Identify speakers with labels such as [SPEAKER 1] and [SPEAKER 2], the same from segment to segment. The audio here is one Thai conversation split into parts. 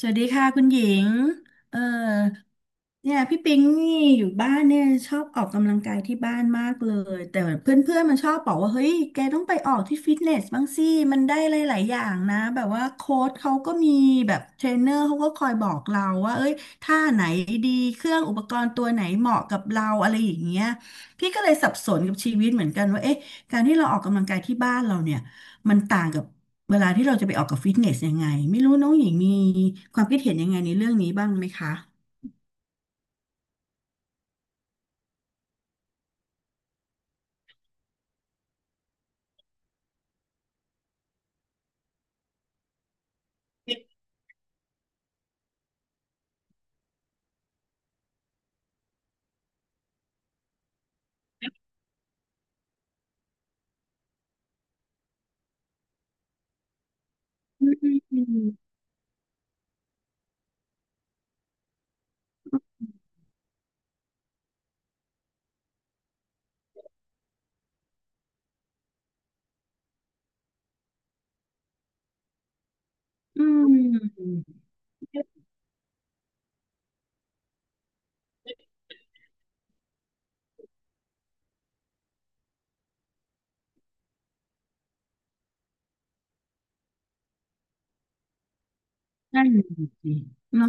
[SPEAKER 1] สวัสดีค่ะคุณหญิงเออเนี่ยพี่ปิงนี่อยู่บ้านเนี่ยชอบออกกำลังกายที่บ้านมากเลยแต่เพื่อนๆมันชอบบอกว่าเฮ้ยแกต้องไปออกที่ฟิตเนสบ้างสิมันได้หลายๆอย่างนะแบบว่าโค้ชเขาก็มีแบบเทรนเนอร์เขาก็คอยบอกเราว่าเอ้ยท่าไหนดีเครื่องอุปกรณ์ตัวไหนเหมาะกับเราอะไรอย่างเงี้ยพี่ก็เลยสับสนกับชีวิตเหมือนกันว่าเอ๊ะการที่เราออกกำลังกายที่บ้านเราเนี่ยมันต่างกับ เวลาที่เราจะไปออกกับฟิตเนสยังไงไม่รู้น้องหญิงมีความคิดเห็นยังไงในเรื่องนี้บ้างไหมคะอืมอืมนั่นสิเน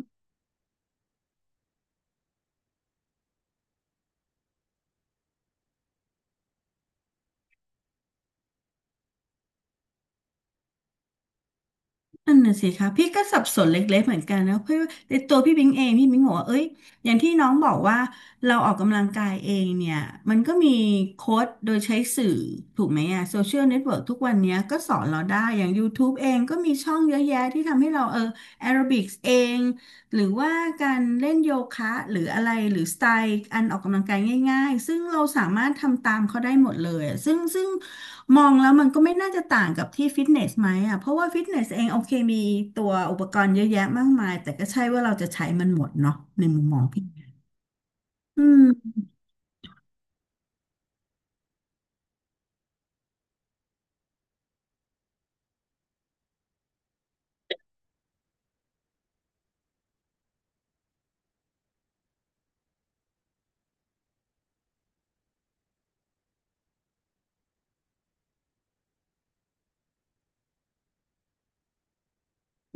[SPEAKER 1] นั่นน่ะสิคะพี่ก็สับสนเล็กๆเหมือนกันนะเพราะว่าในตัวพี่บิงเองพี่บิงบอกว่าเอ้ยอย่างที่น้องบอกว่าเราออกกำลังกายเองเนี่ยมันก็มีโค้ชโดยใช้สื่อถูกไหมอะโซเชียลเน็ตเวิร์กทุกวันเนี้ยก็สอนเราได้อย่าง YouTube เองก็มีช่องเยอะแยะที่ทำให้เราเออแอโรบิกส์เองหรือว่าการเล่นโยคะหรืออะไรหรือสไตล์อันออกกำลังกายง่ายๆซึ่งเราสามารถทำตามเขาได้หมดเลยอะซึ่ง มองแล้วมันก็ไม่น่าจะต่างกับที่ฟิตเนสไหมอ่ะเพราะว่าฟิตเนสเองโอเคมีตัวอุปกรณ์เยอะแยะมากมายแต่ก็ใช่ว่าเราจะใช้มันหมดเนาะในมุมมองพี่อืม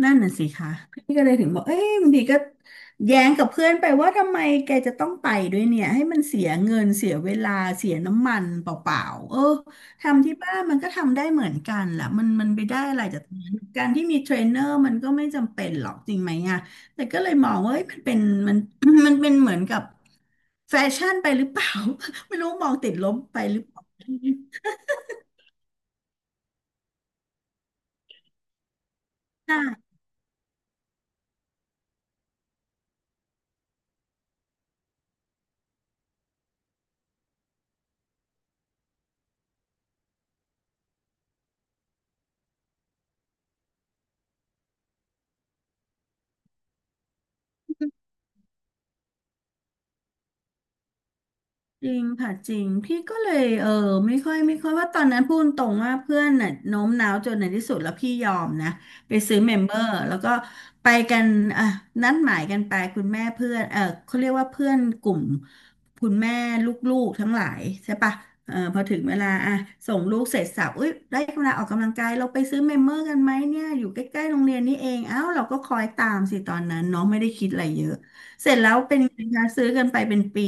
[SPEAKER 1] นั่นน่ะสิคะพี่ก็เลยถึงบอกเอ้ยบางทีก็แย้งกับเพื่อนไปว่าทำไมแกจะต้องไปด้วยเนี่ยให้มันเสียเงินเสียเวลาเสียน้ำมันเปล่าๆเออทำที่บ้านมันก็ทำได้เหมือนกันแหละมันไปได้อะไรจากตรงนั้นการที่มีเทรนเนอร์มันก็ไม่จำเป็นหรอกจริงไหมอะแต่ก็เลยมองว่าเอ้ยมันเป็นมัน มันเป็นเหมือนกับแฟชั่นไปหรือเปล่า ไม่รู้มองติดลบไปหรือเปล่าใช่ จริงค่ะจริงพี่ก็เลยเออไม่ค่อยว่าตอนนั้นพูดตรงว่าเพื่อนน่ะโน้มน้าวจนในที่สุดแล้วพี่ยอมนะไปซื้อเมมเบอร์แล้วก็ไปกันอ่ะนัดหมายกันไปคุณแม่เพื่อนเออเขาเรียกว่าเพื่อนกลุ่มคุณแม่ลูกๆทั้งหลายใช่ปะเออพอถึงเวลาอ่ะส่งลูกเสร็จสับอุ้ยได้เวลาออกกำลังกายเราไปซื้อเมมเบอร์กันไหมเนี่ยอยู่ใกล้ๆโรงเรียนนี่เองอ้าวเราก็คอยตามสิตอนนั้นเน้องไม่ได้คิดอะไรเยอะเสร็จแล้วเป็นไงคะซื้อกันไปเป็นปี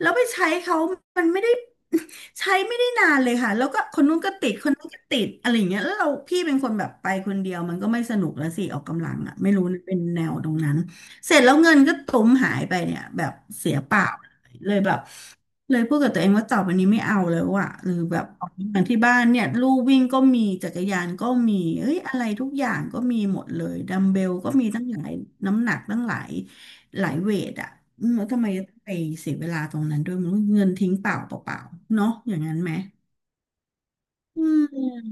[SPEAKER 1] แล้วไปใช้เขามันไม่ได้ ใช้ไม่ได้นานเลยค่ะ แล้วก็คนนู้นก็ติดคนนั้นก็ติดอะไรอย่างเงี้ยแล้วเราพี่เป็นคนแบบไปคนเดียวมันก็ไม่สนุกแล้วสิออกกำลังอ่ะไม่รู้นะเป็นแนวตรงนั้นเสร็จแล้วเงินก็ตุ้มหายไปเนี่ยแบบเสียเปล่าเลยแบบเลยพูดกับตัวเองว่าต่อไปนี้ไม่เอาแล้วอ่ะหรือแบบออกกำลังที่บ้านเนี่ยลู่วิ่งก็มีจักรยานก็มีเอ้ยอะไรทุกอย่างก็มีหมดเลยดัมเบลก็มีตั้งหลายน้ำหนักตั้งหลาย หลายเวทอ่ะอืมแล้วทำไมต้องไปเสียเวลาตรงนั้นด้วยมันเงินทิ้งเปล่าเปล่าๆเนาะอย่างนั้นไหมอืม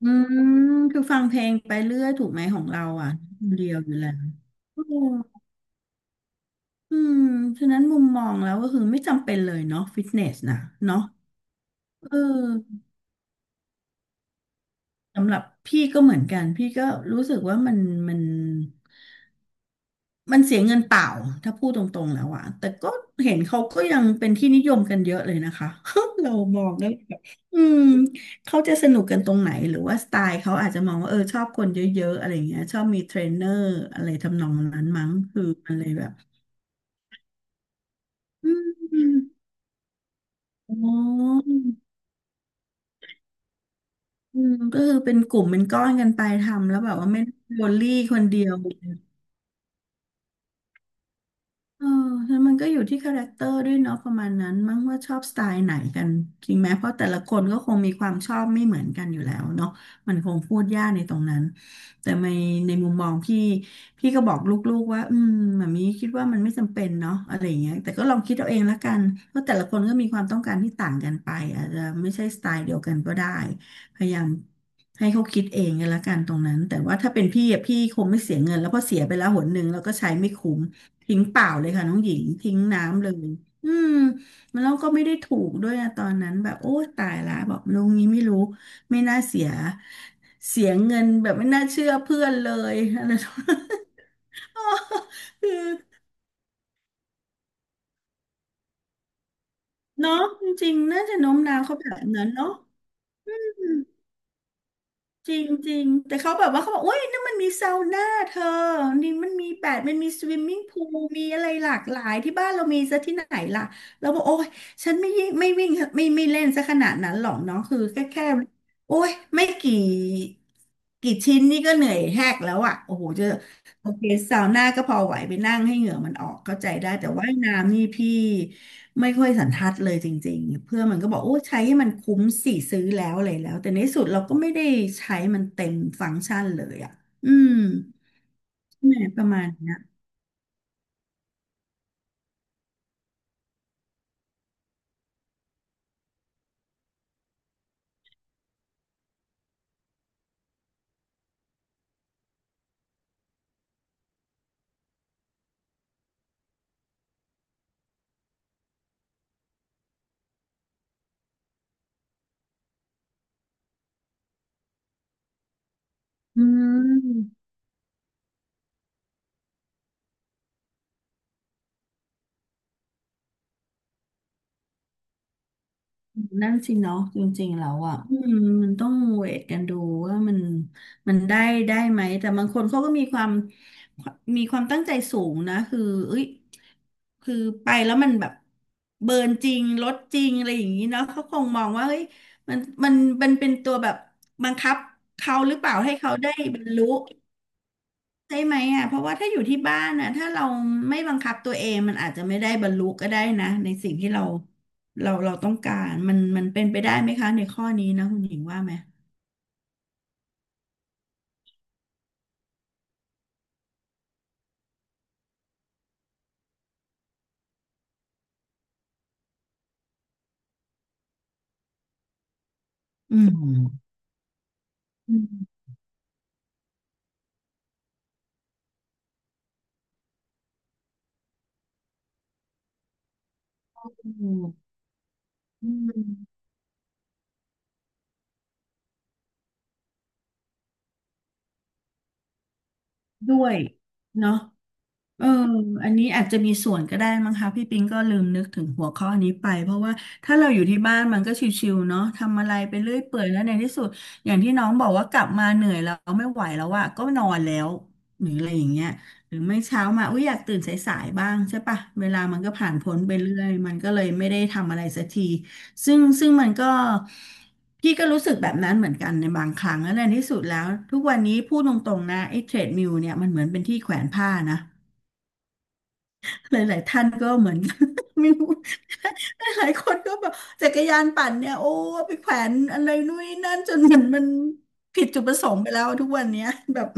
[SPEAKER 1] อืมคือฟังเพลงไปเรื่อยถูกไหมของเราอ่ะคนเดียวอยู่แล้วอืมอืมฉะนั้นมุมมองแล้วก็คือไม่จำเป็นเลยเนาะฟิตเนสนะเนาะเออสำหรับพี่ก็เหมือนกันพี่ก็รู้สึกว่ามัน มันเสียเงินเปล่าถ้าพูดตรงๆแล้วอะแต่ก็เห็นเขาก็ยังเป็นที่นิยมกันเยอะเลยนะคะ เรามองแล้วแบบอืมเขาจะสนุกกันตรงไหนหรือว่าสไตล์เขาอาจจะมองว่าเออชอบคนเยอะๆอะไรอย่างเงี้ยชอบมีเทรนเนอร์อะไรทำนองนั้นมั้งคือมันเลยแบบอืมอ๋ออืมก็คือเป็นกลุ่มเป็นก้อนกันไปทำแล้วแบบว่าไม่ได้โดนลี่คนเดียว เออแล้วมันก็อยู่ที่คาแรคเตอร์ด้วยเนาะประมาณนั้นมั้งว่าชอบสไตล์ไหนกันจริงไหมเพราะแต่ละคนก็คงมีความชอบไม่เหมือนกันอยู่แล้วเนาะมันคงพูดยากในตรงนั้นแต่ในมุมมองพี่พี่ก็บอกลูกๆว่าแบบนี้คิดว่ามันไม่จำเป็นเนาะอะไรอย่างเงี้ยแต่ก็ลองคิดเอาเองละกันเพราะแต่ละคนก็มีความต้องการที่ต่างกันไปอาจจะไม่ใช่สไตล์เดียวกันก็ได้พยายามให้เขาคิดเองกันละกันตรงนั้นแต่ว่าถ้าเป็นพี่อะพี่คงไม่เสียเงินแล้วเพอเสียไปแล้วหนหนึ่งแล้วก็ใช้ไม่คุ้ม ทิ้งเปล่าเลยค่ะน้องหญิงทิ้งน้ำเลยอืมมันแล้วก็ไม่ได้ถูกด้วยอะตอนนั้นแบบโอ้ตายละบอกลุงนี้ไม่รู้ไม่น่าเสียเสียเงินแบบไม่น่าเชื่อเพื่อนเลยอะไร คือเนาะจริงๆน่าจะโน้มน้าวเขาแบบนั้นเนาะ จริงจริงแต่เขาแบบว่าเขาบอกโอ้ยนั่นมันมีซาวน่าเธอนี่มันมีแปดมันมีสวิมมิ่งพูลมีอะไรหลากหลายที่บ้านเรามีซะที่ไหนล่ะเราบอกโอ้ยฉันไม่ยิ่งไม่วิ่งไม่เล่นซะขนาดนั้นหรอกเนาะคือแค่โอ้ยไม่กี่กี่ชิ้นนี่ก็เหนื่อยแหกแล้วอ่ะโอ้โหจะโอเคซาวน่าก็พอไหวไปนั่งให้เหงื่อมันออกเข้าใจได้แต่ว่ายน้ำนี่พี่ ไม่ค่อยสันทัดเลยจริงๆเพื่อนมันก็บอกโอ้ใช้ให้มันคุ้มสี่ซื้อแล้วอะไรแล้วแต่ในที่สุดเราก็ไม่ได้ใช้มันเต็มฟังก์ชันเลยอ่ะอืมใ่หมประมาณเนี้ยอืม นั่นสิเนาะจริงๆแล้วอ่ะอืมมันต้องเวทกันดูว่ามันได้ไหมแต่บางคนเขาก็มีความตั้งใจสูงนะคือเอ้ยคือไปแล้วมันแบบเบิร์นจริงลดจริงอะไรอย่างนี้เนาะเขาคงมองว่าเฮ้ยมันมันมันเป็นตัวแบบบังคับเขาหรือเปล่าให้เขาได้บรรลุ ใช่ไหมอ่ะเพราะว่าถ้าอยู่ที่บ้านนะถ้าเราไม่บังคับตัวเองมันอาจจะไม่ได้บรรลุก็ได้นะในสิ่งที่เราเราต้องการมันเป็นไปได้ไหมคะในข้อนี้นะคุณหญิงว่าไหมอืมด้วยเนาะเอออันนี้อาจจะมีส่วนก็ได้มั้งคะพี่ปิงก็ลืมนึกถึงหัวข้อนี้ไปเพราะว่าถ้าเราอยู่ที่บ้านมันก็ชิวๆเนาะทำอะไรไปเรื่อยเปื่อยแล้วในที่สุดอย่างที่น้องบอกว่ากลับมาเหนื่อยแล้วไม่ไหวแล้วอะก็นอนแล้วหรืออะไรอย่างเงี้ย หรือไม่เช้ามาอุ้ยอยากตื่นสายๆบ้างใช่ปะเวลามันก็ผ่านพ้นไปเรื่อยมันก็เลยไม่ได้ทำอะไรสักทีซึ่งมันก็พี่ก็รู้สึกแบบนั้นเหมือนกันในบางครั้งแล้วในที่สุดแล้วทุกวันนี้พูดตรงๆนะไอ้เทรดมิลเนี่ยมันเหมือนเป็นที่แขวนผ้านะหลายๆท่านก็เหมือน ไม่รู้หลายๆคนก็แบบจักรยานปั่นเนี่ยโอ้ไปแขวนอะไรนู่นนี่นั่นจนมันผิดจุดประสงค์ไปแล้วทุกวันเนี้ยแบบ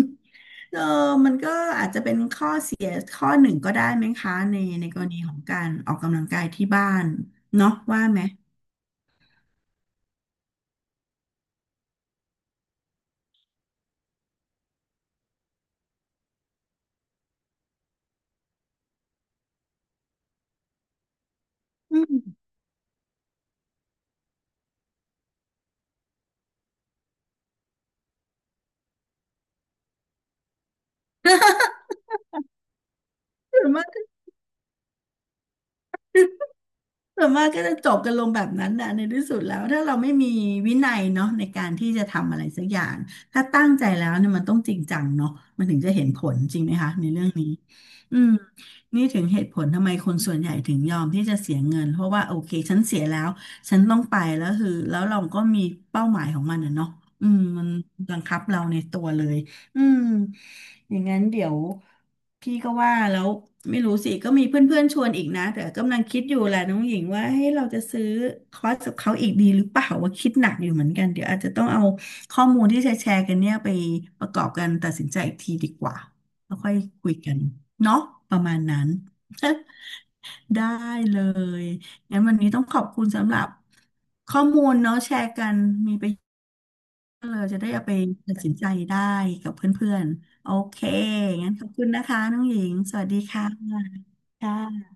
[SPEAKER 1] ข้อหนึ่งก็ได้ไหมคะในกรณีของการออกกำลังกายที่บ้านเนาะว่าไหมอืม ส่วนมากก็ส่วนมากก็จะจบกันลงแบบนั้นนะในที่สุดแล้วถ้าเราไม่มีวินัยเนาะในการที่จะทำอะไรสักอย่างถ้าตั้งใจแล้วเนี่ยมันต้องจริงจังเนาะมันถึงจะเห็นผลจริงไหมคะในเรื่องนี้อืมนี่ถึงเหตุผลทำไมคนส่วนใหญ่ถึงยอมที่จะเสียเงินเพราะว่าโอเคฉันเสียแล้วฉันต้องไปแล้วคือแล้วเราก็มีเป้าหมายของมันนะเนาะอืมมันบังคับเราในตัวเลย อืมอย่างนั้นเดี๋ยวพี่ก็ว่าแล้วไม่รู้สิก็มีเพื่อนๆชวนอีกนะแต่กำลังคิดอยู่แหละน้องหญิงว่าให้ยเราจะซื้อคอร์สกับเขาอีกดีหรือเปล่าว่าคิดหนักอยู่เหมือนกันเดี๋ยวอาจจะต้องเอาข้อมูลที่แชร์ๆกันเนี่ยไปประกอบกันตัดสินใจอีกทีดีกว่าแล้วค่อยคุยกันเนาะประมาณนั้น ได้เลยงั้นวันนี้ต้องขอบคุณสำหรับข้อมูลเนาะแชร์กันมีประโยชน์ เราจะได้เอาไปตัดสินใจได้กับเพื่อนๆโอเคงั้นขอบคุณนะคะน้องหญิงสวัสดีค่ะค่ะ